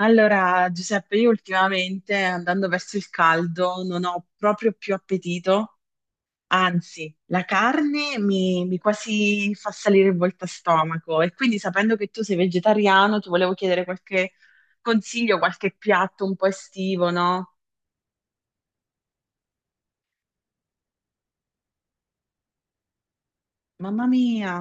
Allora, Giuseppe, io ultimamente andando verso il caldo non ho proprio più appetito, anzi, la carne mi quasi fa salire il volto a stomaco e quindi sapendo che tu sei vegetariano, ti volevo chiedere qualche consiglio, qualche piatto un po' estivo, no? Mamma mia!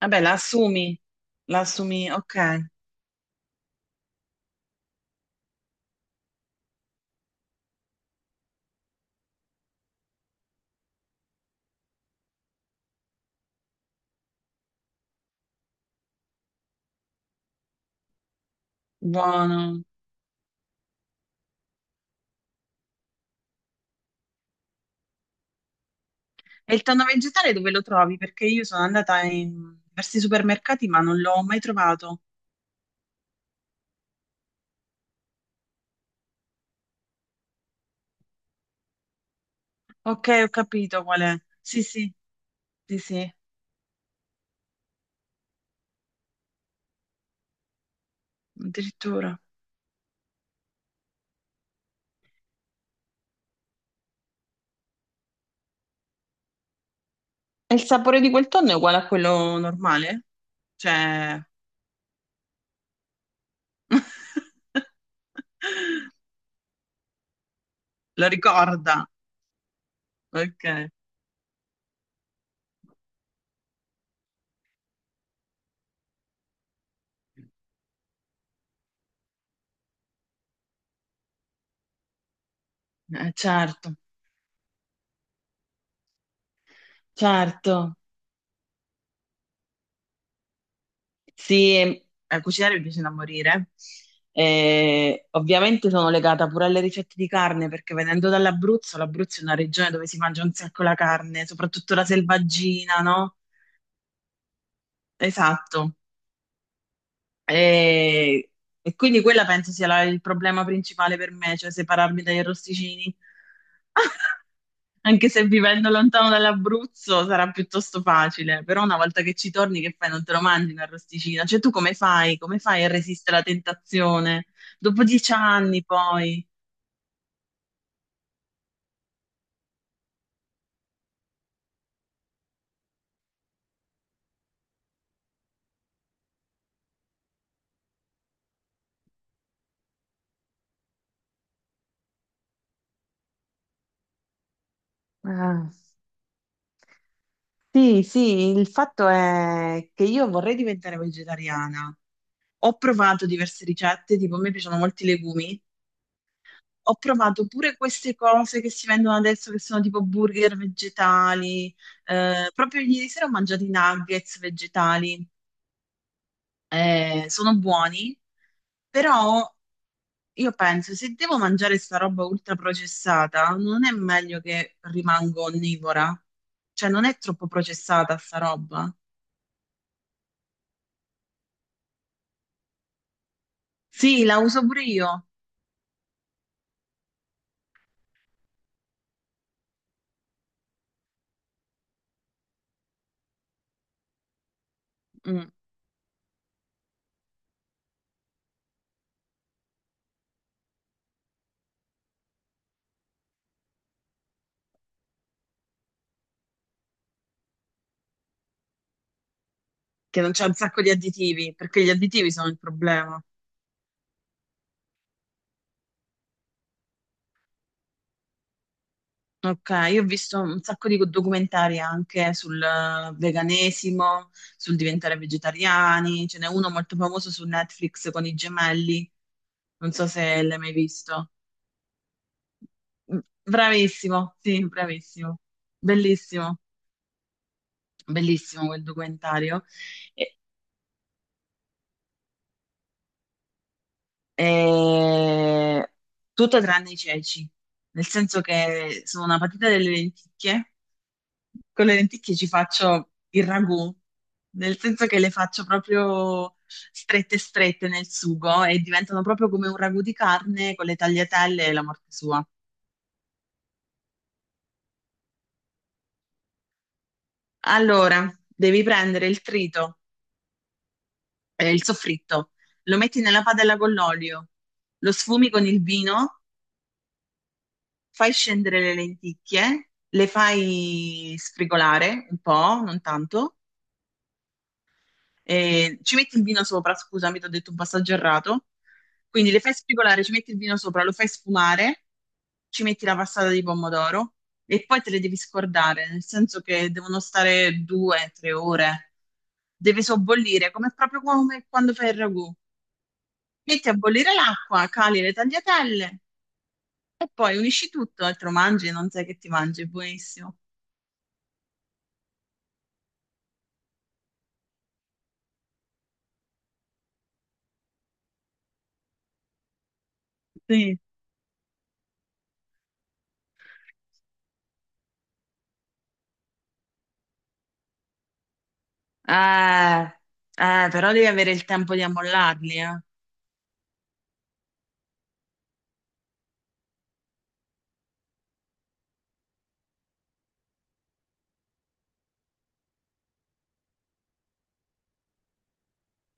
Vabbè, la assumi, ok, buono. E il tonno vegetale dove lo trovi? Perché io sono andata in diversi supermercati ma non l'ho mai trovato. Ok, ho capito qual è. Sì, sì, sì, sì, addirittura. E il sapore di quel tonno è uguale a quello normale? Cioè, lo ricorda. Ok. Certo, certo. Sì, cucinare mi piace da morire. Ovviamente sono legata pure alle ricette di carne perché venendo dall'Abruzzo, l'Abruzzo è una regione dove si mangia un sacco la carne, soprattutto la selvaggina, no? Esatto. E, e quindi quella penso sia la- il problema principale per me, cioè separarmi dagli arrosticini. Anche se vivendo lontano dall'Abruzzo sarà piuttosto facile, però una volta che ci torni, che fai? Non te lo mangi un arrosticino? Cioè, tu come fai? Come fai a resistere alla tentazione? Dopo dieci anni, poi. Ah, sì, sì, il fatto è che io vorrei diventare vegetariana. Ho provato diverse ricette, tipo a me piacciono molti legumi, ho provato pure queste cose che si vendono adesso, che sono tipo burger vegetali. Proprio ieri sera ho mangiato i nuggets vegetali. Sono buoni, però io penso, se devo mangiare sta roba ultra processata, non è meglio che rimango onnivora? Cioè, non è troppo processata sta roba? Sì, la uso pure io. Mm, che non c'è un sacco di additivi, perché gli additivi sono il problema. Ok, io ho visto un sacco di documentari anche sul veganesimo, sul diventare vegetariani, ce n'è uno molto famoso su Netflix con i gemelli, non so se l'hai mai visto. Mm, bravissimo, sì, bravissimo, bellissimo, bellissimo quel documentario. E- e- Tutto tranne i ceci, nel senso che sono una patita delle lenticchie, con le lenticchie ci faccio il ragù, nel senso che le faccio proprio strette strette nel sugo e diventano proprio come un ragù di carne con le tagliatelle e la morte sua. Allora, devi prendere il trito, il soffritto, lo metti nella padella con l'olio, lo sfumi con il vino, fai scendere le lenticchie, le fai sfrigolare un po', non tanto. Ci metti il vino sopra, scusami, ti ho detto un passaggio errato. Quindi le fai spigolare, ci metti il vino sopra, lo fai sfumare, ci metti la passata di pomodoro e poi te le devi scordare, nel senso che devono stare due, tre ore. Deve sobbollire, come proprio come quando fai il ragù. Metti a bollire l'acqua, cali le tagliatelle e poi unisci tutto e te lo mangi, non sai che ti mangi, è buonissimo. Sì. Eh, però devi avere il tempo di ammollarli, eh.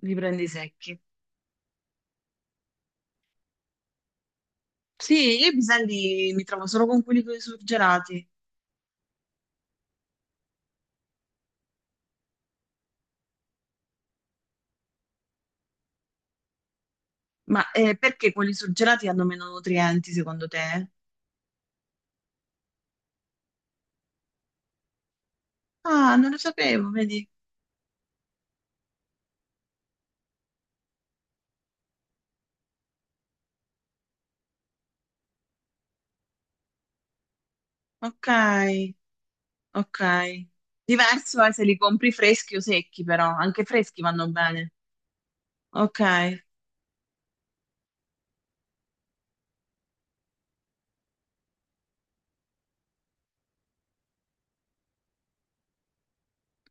Li prendi secchi. Sì, io i piselli mi trovo solo con quelli con i surgelati. Ma perché quelli surgelati hanno meno nutrienti, secondo te? Ah, non lo sapevo, vedi? Ok, ok. Diverso è se li compri freschi o secchi, però. Anche freschi vanno bene. Ok.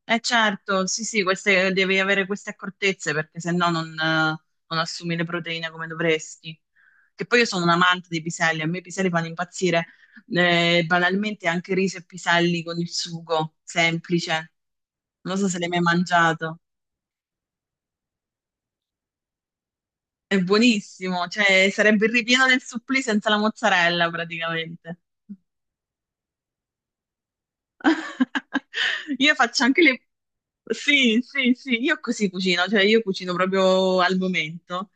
Eh certo, sì, sì, queste, devi avere queste accortezze perché se no non, non assumi le proteine come dovresti. Che poi io sono un amante dei piselli, a me i piselli fanno impazzire. Banalmente anche riso e piselli con il sugo, semplice. Non so se l'hai mai mangiato. È buonissimo, cioè sarebbe il ripieno del supplì senza la mozzarella praticamente. Io faccio anche le... Sì, sì, sì, io così cucino, cioè io cucino proprio al momento.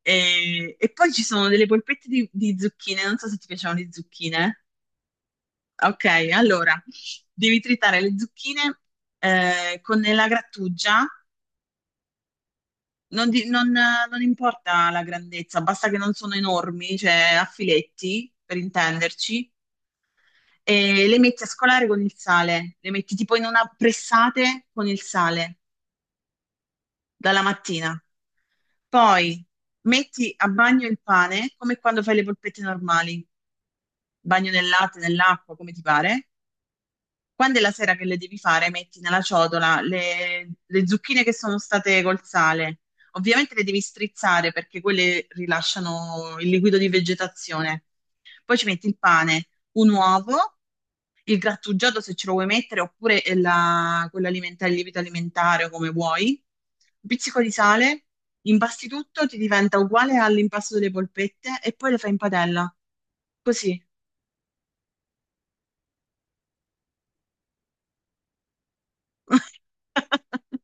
E poi ci sono delle polpette di zucchine, non so se ti piacciono le zucchine. Ok, allora, devi tritare le zucchine con la grattugia, non, di- non- non importa la grandezza, basta che non sono enormi, cioè a filetti, per intenderci, e le metti a scolare con il sale, le metti tipo in una pressate con il sale dalla mattina. Poi metti a bagno il pane come quando fai le polpette normali, bagno nel latte, nell'acqua, come ti pare. Quando è la sera che le devi fare, metti nella ciotola le zucchine che sono state col sale. Ovviamente le devi strizzare perché quelle rilasciano il liquido di vegetazione. Poi ci metti il pane, un uovo, il grattugiato se ce lo vuoi mettere, oppure la- quell'alimentare, il lievito alimentare o come vuoi, un pizzico di sale, impasti tutto, ti diventa uguale all'impasto delle polpette e poi le fai in padella. Così.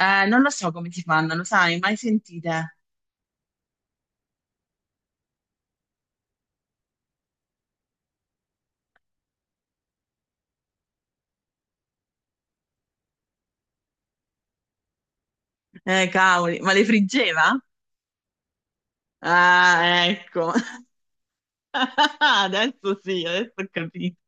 Non lo so come si fanno, lo sai, mai sentite? Cavoli, ma le friggeva? Ah, ecco. Adesso sì, adesso ho capito.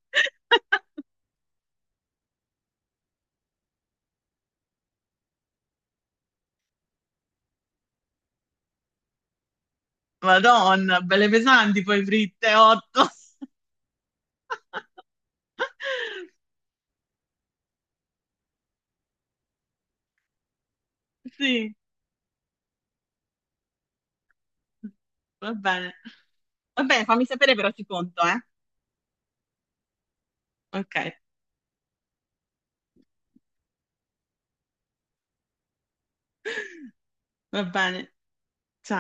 Madonna, belle pesanti poi fritte, 8. Sì, va bene. Va bene, fammi sapere però ci conto, eh. Ok, va bene. Ciao.